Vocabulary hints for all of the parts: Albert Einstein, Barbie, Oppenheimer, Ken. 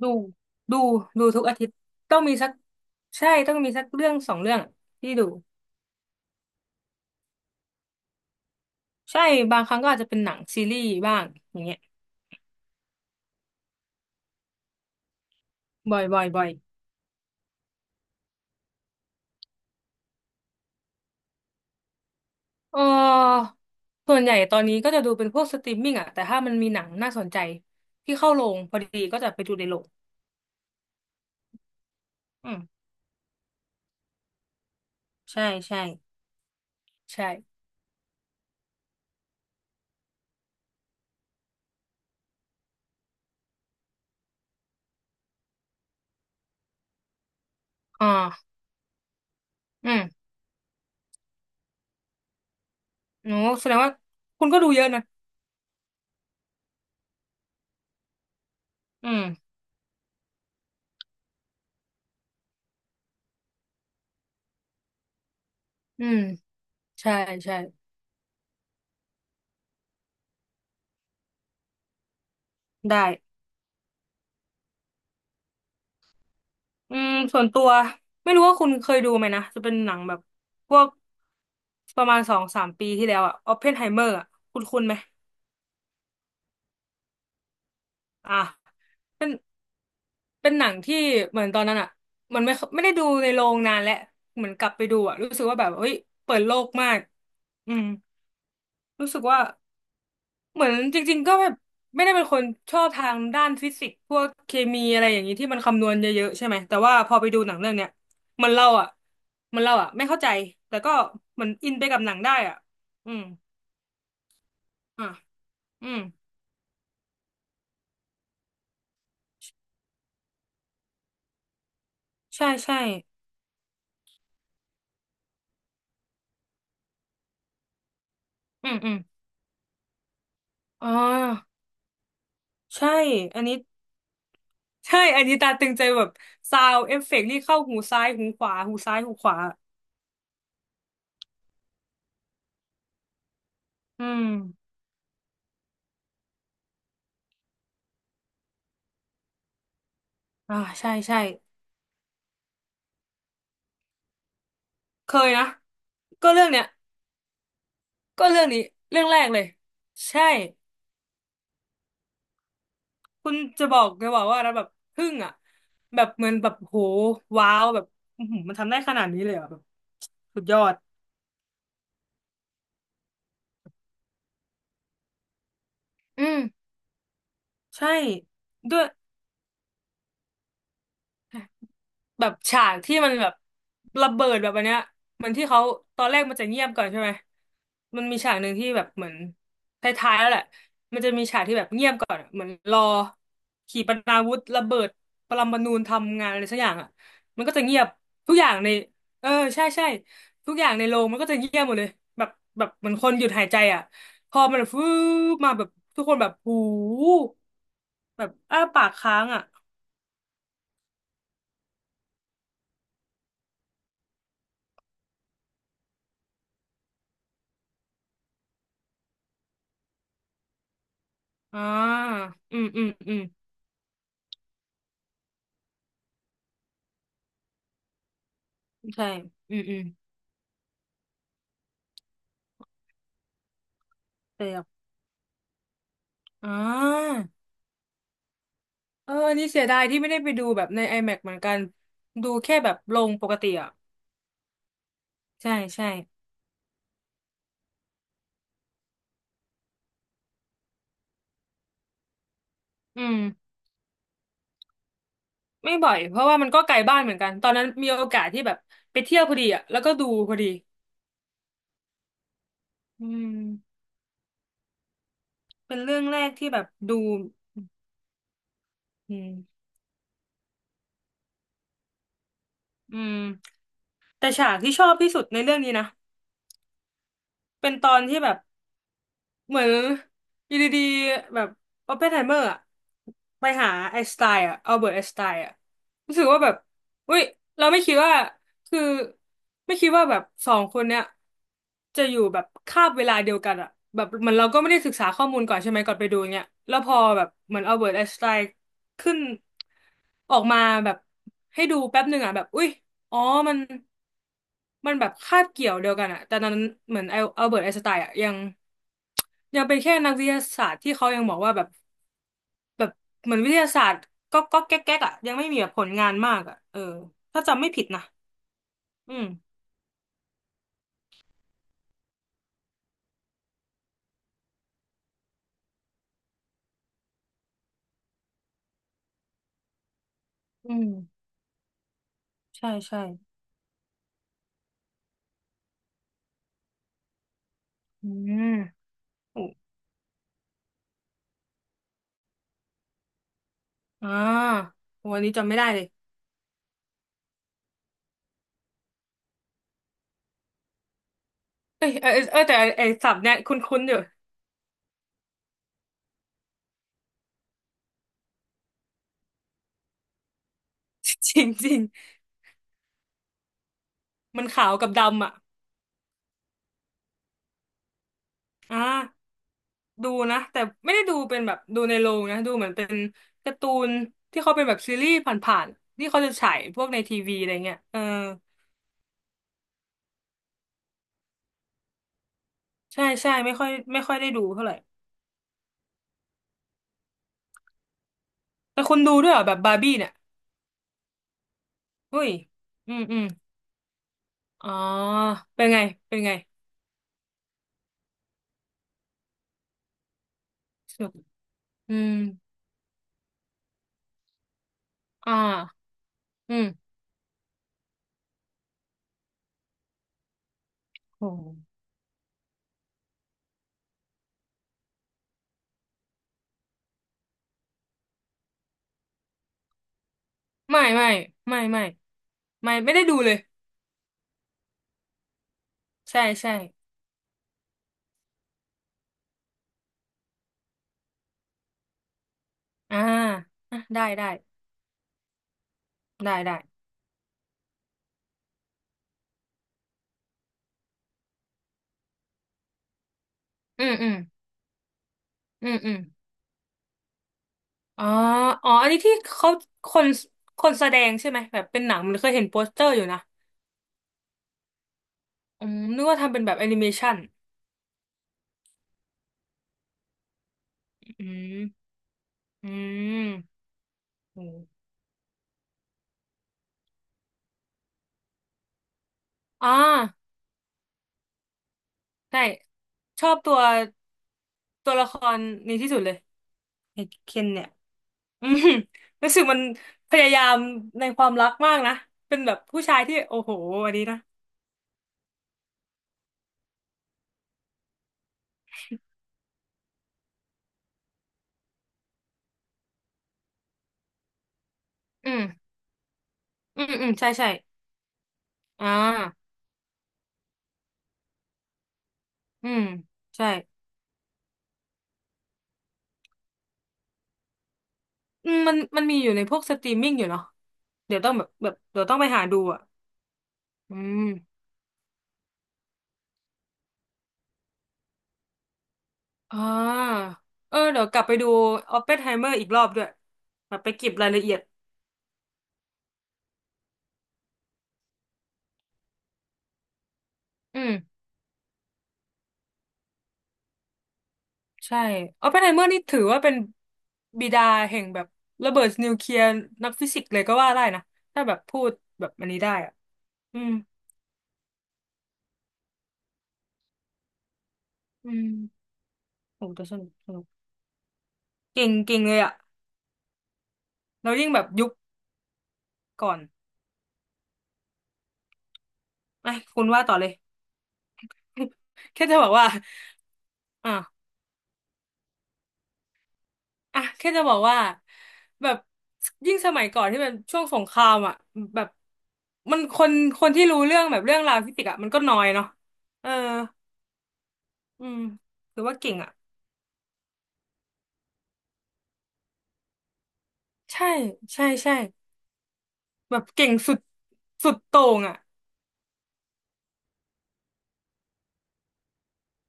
ดูดูดูทุกอาทิตย์ต้องมีสักใช่ต้องมีสักเรื่องสองเรื่องที่ดูใช่บางครั้งก็อาจจะเป็นหนังซีรีส์บ้างอย่างเงี้ยบ่อยบ่อยบ่อยเออส่วนใหญ่ตอนนี้ก็จะดูเป็นพวกสตรีมมิ่งอะแต่ถ้ามันมีหนังน่าสนใจที่เข้าโรงพอดีก็จะไปดูในโรงอืมใช่ใช่ใช่อ่าอืมโอ้แสดงว่าคุณก็ดูเยอะนะอืมอืมใช่ใช่ได้ อืมส่วนตัวไม่รู้ว่าคุณเคยดูไหมนะจะเป็นหนังแบบพวกประมาณสองสามปีที่แล้วอะออปเพนไฮเมอร์อะคุณไหมอ่ะเป็นเป็นหนังที่เหมือนตอนนั้นอ่ะมันไม่ได้ดูในโรงนานแล้วเหมือนกลับไปดูอ่ะรู้สึกว่าแบบเฮ้ยเปิดโลกมากอืมรู้สึกว่า เหมือนจริงๆก็แบบไม่ได้เป็นคนชอบทางด้านฟิสิกส์พวกเคมีอะไรอย่างนี้ที่มันคำนวณเยอะๆใช่ไหมแต่ว่าพอไปดูหนังเรื่องเนี้ยเหมันเราอ่ะเหมันเราอ่ะไม่เข้าใจแต่ก็เหมือนอินไปกับหนังได้อ่ะอืมอ่ะอืมใช่ใช่อืมอืมอ๋อใช่อันนี้ใช่อันนี้ตาตึงใจแบบซาวเอฟเฟกต์นี่เข้าหูซ้ายหูขวาหูซ้ายหูขวาอืมอ่าใช่ใช่เคยนะก็เรื่องเนี้ยก็เรื่องนี้เรื่องแรกเลยใช่ คุณจะบอกจะบอกว่าแล้วแบบทึ่งอ่ะแบบเหมือนแบบโหว้าวแบบอื้อหือมันทำได้ขนาดนี้เลยเหรอ่ะแบบสุดยอดอืมใช่ด้วย แบบฉากที่มันแบบระเบิดแบบอันเนี้ยเหมือนที่เขาตอนแรกมันจะเงียบก่อนใช่ไหมมันมีฉากหนึ่งที่แบบเหมือนท้ายๆแล้วแหละมันจะมีฉากที่แบบเงียบก่อนอะเหมือนรอขีปนาวุธระเบิดปรมาณูทำงานอะไรสักอย่างอ่ะมันก็จะเงียบทุกอย่างในเออใช่ใช่ทุกอย่างในโรงมันก็จะเงียบหมดเลยแบบแบบเหมือนคนหยุดหายใจอ่ะพอมันฟื้บมาแบบทุกคนแบบหูแบบอ้าปากค้างอ่ะอ่าอืมอืมอืม ใช่ อืมอืมเปลือกอ่าเออนี่เสียดายที่ไม่ได้ไปดูแบบใน IMAX เหมือนกัน ดูแค่แบบโรงปกติอ่ะ ใช่ใช่อืมไม่บ่อยเพราะว่ามันก็ไกลบ้านเหมือนกัน ตอนนั้นมีโอกาสที่แบบไปเที่ยวพอดีอ่ะแล้วก็ดูพอดี อืมเป็นเรื่องแรกที่แบบดูอืมอืมแต่ฉากที่ชอบที่สุดในเรื่องนี้นะ เป็นตอนที่แบบ เหมือนอยู่ดีๆแบบออปเพนไฮเมอร์อะไปหาไอน์สไตน์อะอัลเบิร์ตไอน์สไตน์อะรู้สึกว่าแบบอุ้ยเราไม่คิดว่าคือไม่คิดว่าแบบสองคนเนี้ยจะอยู่แบบคาบเวลาเดียวกันอะแบบเหมือนเราก็ไม่ได้ศึกษาข้อมูลก่อนใช่ไหมก่อนไปดูเนี้ยแล้วพอแบบเหมือนอัลเบิร์ตไอน์สไตน์ขึ้นออกมาแบบให้ดูแป๊บหนึ่งอะแบบอุ้ยอ๋อมันมันแบบคาบเกี่ยวเดียวกันอะแต่ตอนนั้นเหมือนอัลเบิร์ตไอน์สไตน์อะยัง ยังเป็นแค่นักวิทยาศาสตร์ที่เขายังบอกว่าแบบแบบเหมือนวิทยาศาสตร์ก็แก๊กแก๊กอ่ะยังไม่มีแบบผลงานมากอ่ะเออถ้าจำไม่ผิดนะอืมอืมใช่ใช่อืมโอ้อ่าวันนี้จำไม่ได้เลยเอ้ยเออเออเออแต่ไอ้ศัพท์เนี่ยคุ้นๆอยู่ จริงจริงมันขาวกับดำอ่ะอ่าดูนะแต่ไม่ได้ดูเป็นแบบดูในโรงนะดูเหมือนเป็นการ์ตูนที่เขาเป็นแบบซีรีส์ผ่านๆที่เขาจะฉายพวกในทีวีอะไรเงี้ยเออ ใช่ใช่ไม่ค่อยไม่ค่อยได้ดูเท่าไหร่แต่คุณดูด้วยเหรอแบบบาร์บี้เนี่ยอุ้ยอืมอืมอ๋อเป็นไงเป็นไงสนุกอืมอ่าอืมโหไม่ไม่ไม่ไม่ไม่ได้ดูเลยใช่ใช่อ่าอ่ะได้ได้ได้ได้อืมอืมอืมอืมอ๋ออ๋ออันนี้ที่เขาคนคนแสดงใช่ไหมแบบเป็นหนังมันเคยเห็นโปสเตอร์อยู่นะอืมนึกว่าทำเป็นแบบแอนิเมชันอืมอืมโหอ่า ใช่ชอบตัวตัวละครนี้ที่สุดเลยไอ้เคนเนี่ยอืมรู้สึกมันพยายามในความรักมากนะเป็นแบบผู้ชายที่โอ้โหอันนี้นะอืมอืมอืมใช่ใช่อ่าอืมใช่อืมมันมีอยู่ในพวกสตรีมมิ่งอยู่เนาะเดี๋ยวต้องแบบแบบเดี๋ยวต้องไปหาดูอ่ะอืมอ่าเออเดี๋ยวกลับไปดูออปเพนไฮเมอร์อีกรอบด้วยแบบไปเก็บรายละเอียดอืม ใช่ออปเพนไฮเมอร์นี่ถือว่าเป็นบิดาแห่งแบบระเบิดนิวเคลียร์นักฟิสิกส์เลยก็ว่าได้นะถ้าแบบพูดแบบอันนี้ได้อ่ะอืมอืมโอ้แต่สนุกสนุกเก่งเก่งเลยอ่ะเรายิ่งแบบยุคก่อนไอ้คุณว่าต่อเลย แค่จะบอกว่าอ่ะอ่ะแค่จะบอกว่าแบบยิ่งสมัยก่อนที่เป็นช่วงสงครามอ่ะแบบมันคนที่รู้เรื่องแบบเรื่องราวฟิสิกส์อ่ะมันก็น้อยเนาะเอออืมถือว่าเก่งอ่ะ ใช่ใช่ใช่แบบเก่งสุดสุดโต่งอ่ะ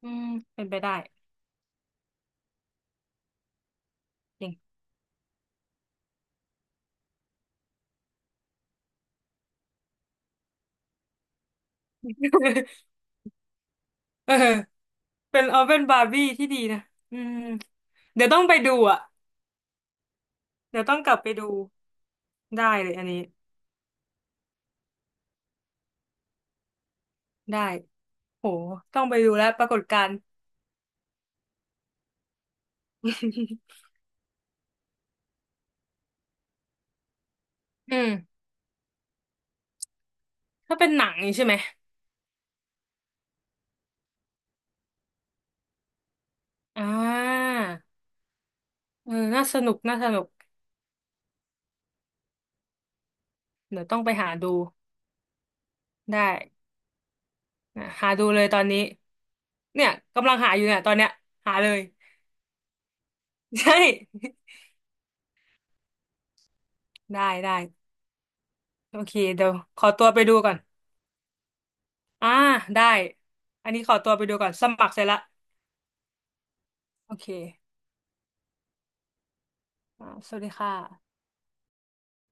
อืมเป็นไปได้เก่ง เออเป็นเอาเป็นบาร์บี้ที่ดีนะอืมเดี๋ยวต้องไปดูอ่ะเดี๋ยวต้องกลับไปดูได้เลยอันนี้ได้โหต้องไปดูแล้วปรากฏการณ์ อืมถ้าเป็นหนังนี่ใช่ไหมอ่าเออน่าสนุกน่าสนุกเดี๋ยวต้องไปหาดูได้นะหาดูเลยตอนนี้เนี่ยกำลังหาอยู่เนี่ยตอนเนี้ยหาเลย ใช่ ได้ได้โอเคเดี๋ยวขอตัวไปดูก่อนอ่าได้อันนี้ขอตัวไปดูก่อนสมัครเสร็จละโอเคอ่าสวัสดีค่ะ